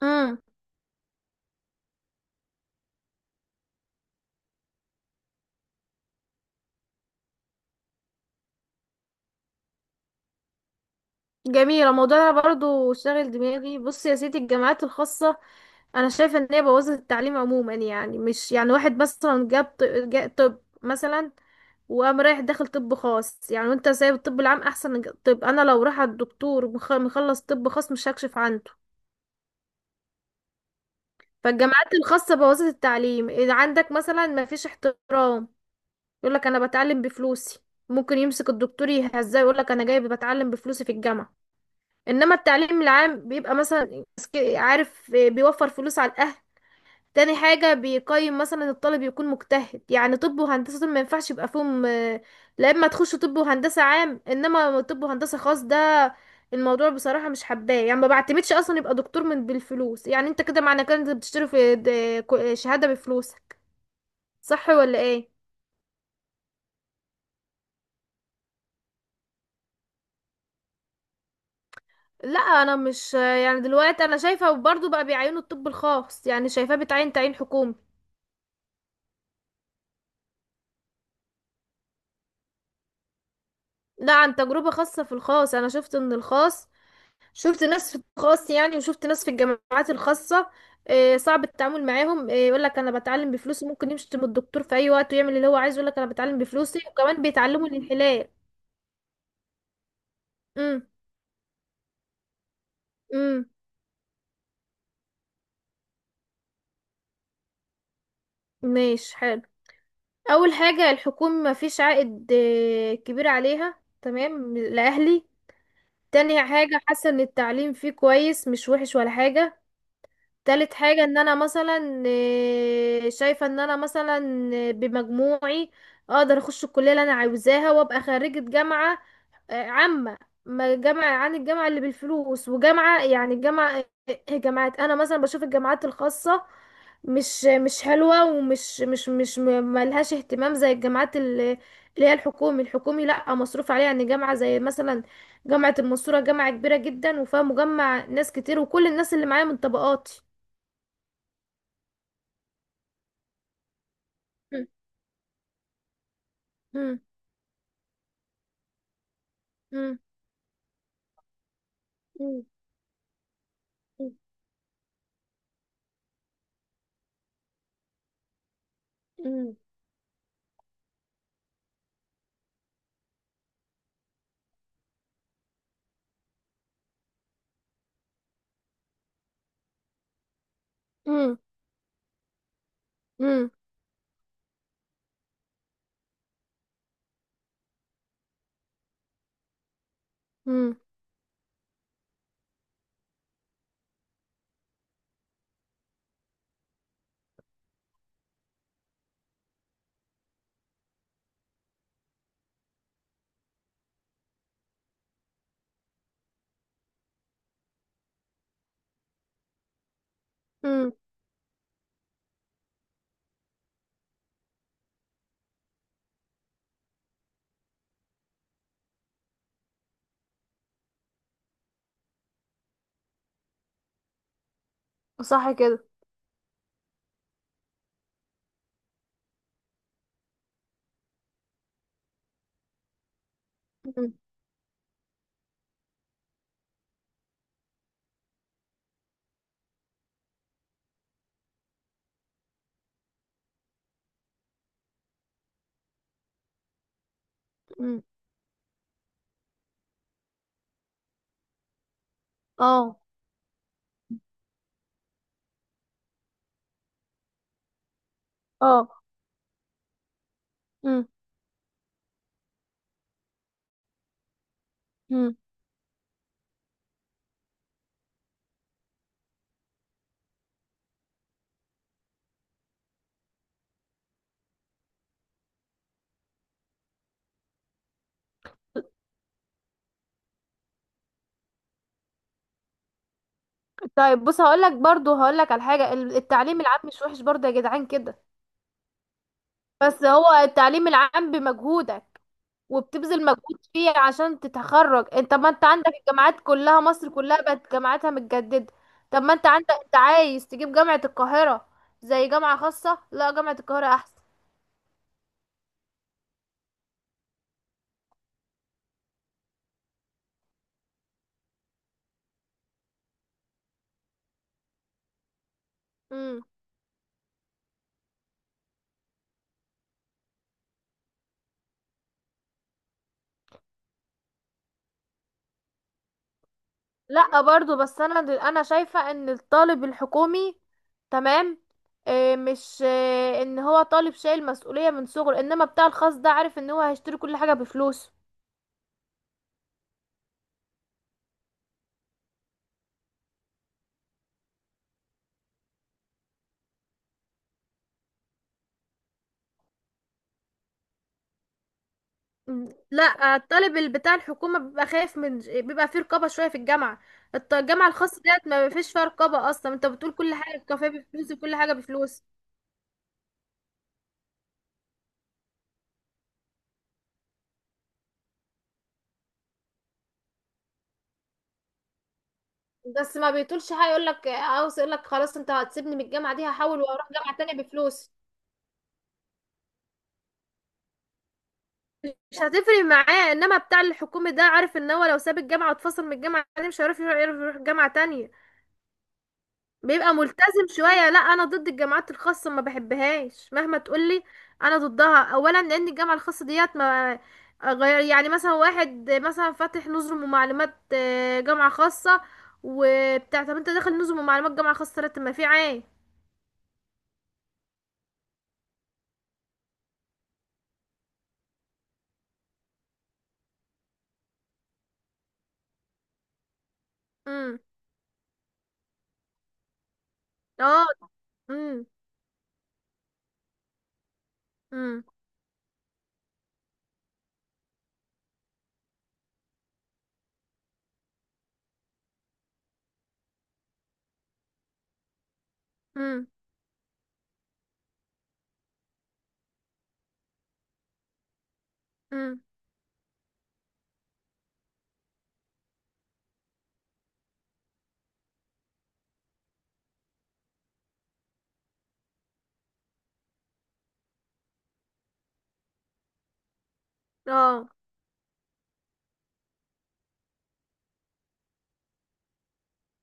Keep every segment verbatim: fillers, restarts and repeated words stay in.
امم جميلة، الموضوع ده برضه شاغل دماغي. بص يا سيدي، الجامعات الخاصة انا شايفة ان هي بوظت التعليم عموما. يعني مش يعني واحد مثلا جاب ط- جا- طب مثلا وقام رايح داخل طب خاص، يعني وانت سايب الطب العام احسن من الج-. طب انا لو راح الدكتور مخ- مخلص طب خاص مش هكشف عنده. فالجامعات الخاصة بوظت التعليم. اذا عندك مثلا ما فيش احترام، يقولك انا بتعلم بفلوسي. ممكن يمسك الدكتور يهزاه يقولك انا جاي بتعلم بفلوسي في الجامعة. انما التعليم العام بيبقى مثلا سك- عارف بيوفر فلوس على الاهل. تاني حاجة بيقيم مثلا الطالب يكون مجتهد، يعني طب وهندسة دول ما ينفعش يبقى فيهم آه، لا اما تخش طب وهندسة عام انما طب وهندسة خاص، ده الموضوع بصراحة مش حباه. يعني ما بعتمدش اصلا يبقى دكتور من بالفلوس، يعني انت كده معنى كده انت بتشتري في د- كو- شهادة بفلوس. صح ولا ايه؟ لا انا مش يعني دلوقتي انا شايفة، وبرضه بقى بيعينوا الطب الخاص، يعني شايفاه بتعين تعيين حكومي. لا، عن تجربة خاصة في الخاص. أنا شفت إن الخاص، شفت ناس في الخاص يعني وشفت ناس في الجامعات الخاصة. آه، صعب التعامل معاهم آه، يقول لك أنا بتعلم بفلوسي، ممكن يشتم الدكتور في أي وقت ويعمل اللي هو عايزه، يقول لك أنا بتعلم بفلوسي، وكمان بيتعلموا الانحلال. امم. امم. ماشي، حلو. أول حاجة الحكومة مفيش عائد آه، كبير عليها، تمام لأهلي. تاني حاجة حاسة إن التعليم فيه كويس مش وحش ولا حاجة. تالت حاجة ان انا مثلا آه، شايفة ان انا مثلا آه، بمجموعي اقدر اخش الكلية اللي انا عاوزاها وابقى خريجة جامعة آه، عامة. ما جامعة عن الجامعة اللي بالفلوس، وجامعة يعني الجامعة آه، جامعات، انا مثلا بشوف الجامعات الخاصة مش مش حلوة ومش مش مش م- ملهاش اهتمام زي الجامعات ال- اللي هي الحكومي الحكومي لا مصروف عليها. يعني جامعة زي مثلا جامعة المنصورة جامعة كبيرة جدا، وفيها مجمع ناس كتير، وكل الناس اللي معايا من طبقاتي. مم. مم. مم. مم. مم. مم. مم. مم. صح كده. مم. مم. اه. اه. مم. مم. طيب بص، هقولك برضو هقولك على حاجة، ال- التعليم العام مش وحش برضو يا جدعان كده. بس هو التعليم العام بمجهودك، وبتبذل مجهود فيه عشان تتخرج انت. طب ما انت عندك الجامعات كلها، مصر كلها بقت جامعاتها متجددة. طب ما انت عندك، انت عايز تجيب جامعة القاهرة زي جامعة خاصة؟ لا، جامعة القاهرة احسن. مم. لا برضو، بس انا دل... انا شايفة ان الطالب الحكومي، تمام، آه، مش آه، ان هو طالب شايل مسؤولية من صغره، انما بتاع الخاص ده عارف ان هو هيشتري كل حاجة بفلوس. م. لا، الطالب اللي بتاع الحكومة بيبقى خايف من، بيبقى فيه رقابة شوية في الجامعة. الط- الجامعة الخاصة ديت ما فيش فيها رقابة اصلا، انت بتقول كل حاجة، الكافيه بفلوس وكل حاجة بفلوس. بس ما بيطولش حاجة، يقولك عاوز، يقولك خلاص انت هتسيبني من الجامعة دي، هحاول واروح جامعة تانية بفلوس. مش هتفرق معاه. انما بتاع الحكومي ده عارف ان هو لو ساب الجامعه واتفصل من الجامعه دي مش هيعرف يروح، يعرف يروح جامعه تانية، بيبقى ملتزم شويه. لا انا ضد الجامعات الخاصه، ما بحبهاش مهما تقولي. انا ضدها اولا لان الجامعه الخاصه ديت ما غير، يعني مثلا واحد مثلا فاتح نظم ومعلومات آه، جامعه خاصه وبتاع طب، انت داخل نظم ومعلومات جامعه خاصه ليه؟ طب ما في عين. امم. اه. امم. امم. امم. امم. اه.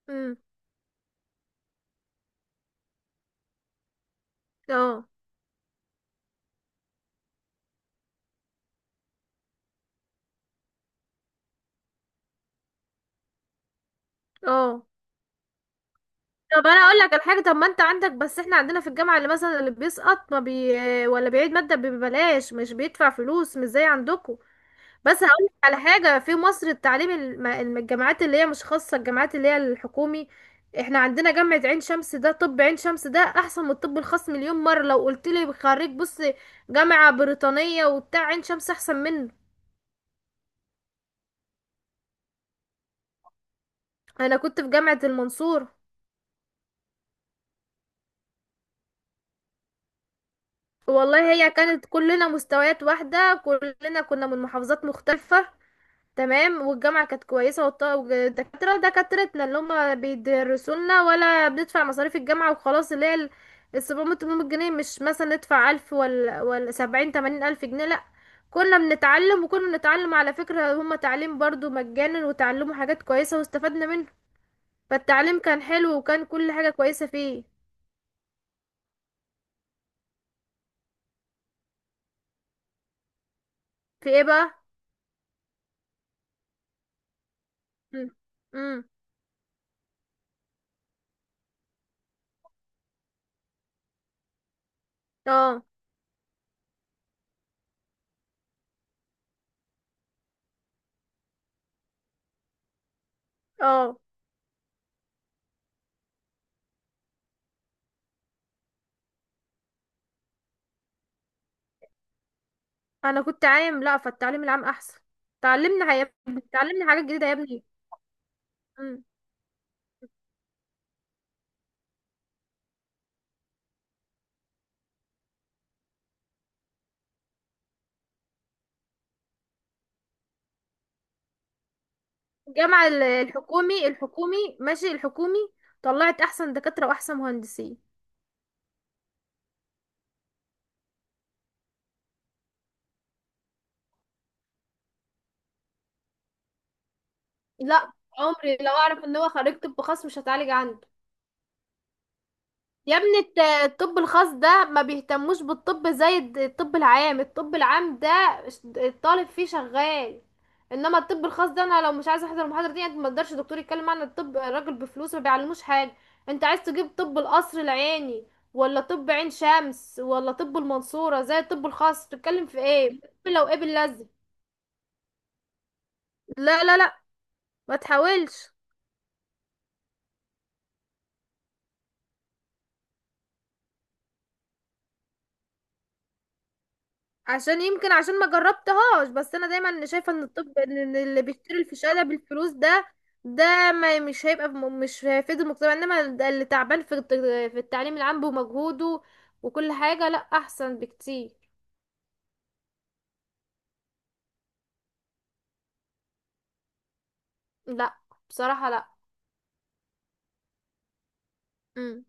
امم. اه. اه. طب انا اقول لك الحاجه، طب ما انت عندك، بس احنا عندنا في الجامعه اللي مثلا اللي بيسقط ما بي ولا بيعيد ماده ببلاش، مش بيدفع فلوس مش زي عندكم. بس هقول لك على حاجه، في مصر التعليم الم- الم- الجامعات اللي هي مش خاصه، الجامعات اللي هي الحكومي، احنا عندنا جامعه عين شمس ده. طب عين شمس ده احسن من الطب الخاص مليون مره. لو قلت لي خريج، بص جامعه بريطانيه وبتاع، عين شمس احسن منه. انا كنت في جامعه المنصوره. والله هي كانت، كلنا مستويات واحده، كلنا كنا من محافظات مختلفه، تمام. والجامعة كانت كويسة، والط- والدكاترة دكاترتنا اللي هما بيدرسولنا، ولا بندفع مصاريف الجامعة وخلاص، اللي هي ال- السبعمية تمنمية جنيه، مش مثلا ندفع ألف ولا ولا سبعين تمانين ألف جنيه. لأ، كنا بنتعلم، وكنا بنتعلم على فكرة، هما تعليم برضو مجانا وتعلموا حاجات كويسة واستفدنا منه. فالتعليم كان حلو وكان كل حاجة كويسة فيه. في ايه بقى؟ امم. اه. اه. انا كنت عام، لأ فالتعليم العام احسن. تعلمنا يا ابني، تعلمنا حاجات جديدة يا ابني. الجامعة ال- الحكومي، الحكومي ماشي، الحكومي طلعت احسن دكاترة واحسن مهندسين. لا، عمري لو اعرف ان هو خريج طب خاص مش هتعالج عنده. يا ابني الت- الطب الخاص ده ما بيهتموش بالطب زي الد- الطب العام. الطب العام ده ش- الطالب فيه شغال، انما الطب الخاص ده، انا لو مش عايزه احضر المحاضره دي انت ما تقدرش. دكتور يتكلم عن الطب، الراجل بفلوس ما بيعلموش حاجه. انت عايز تجيب طب القصر العيني، ولا طب عين شمس، ولا طب المنصوره زي الطب الخاص؟ تتكلم في ايه؟ لو ايه باللزق. لا لا لا، ما تحاولش. عشان يمكن عشان ما جربتهاش، بس انا دايما شايفه ان الطب، ان اللي بيشتري الفشاله بالفلوس ده، ده ما مش هيبقى في م- مش هيفيد المجتمع. انما ده اللي تعبان في الت- في التعليم العام بمجهوده وكل حاجه، لا احسن بكتير. لا بصراحه لا. مم.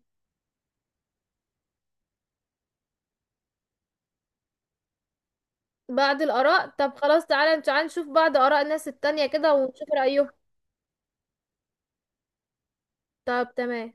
بعد الاراء، طب خلاص تعالى تعالى نشوف بعض اراء الناس التانية كده، ونشوف رايهم. طب تمام.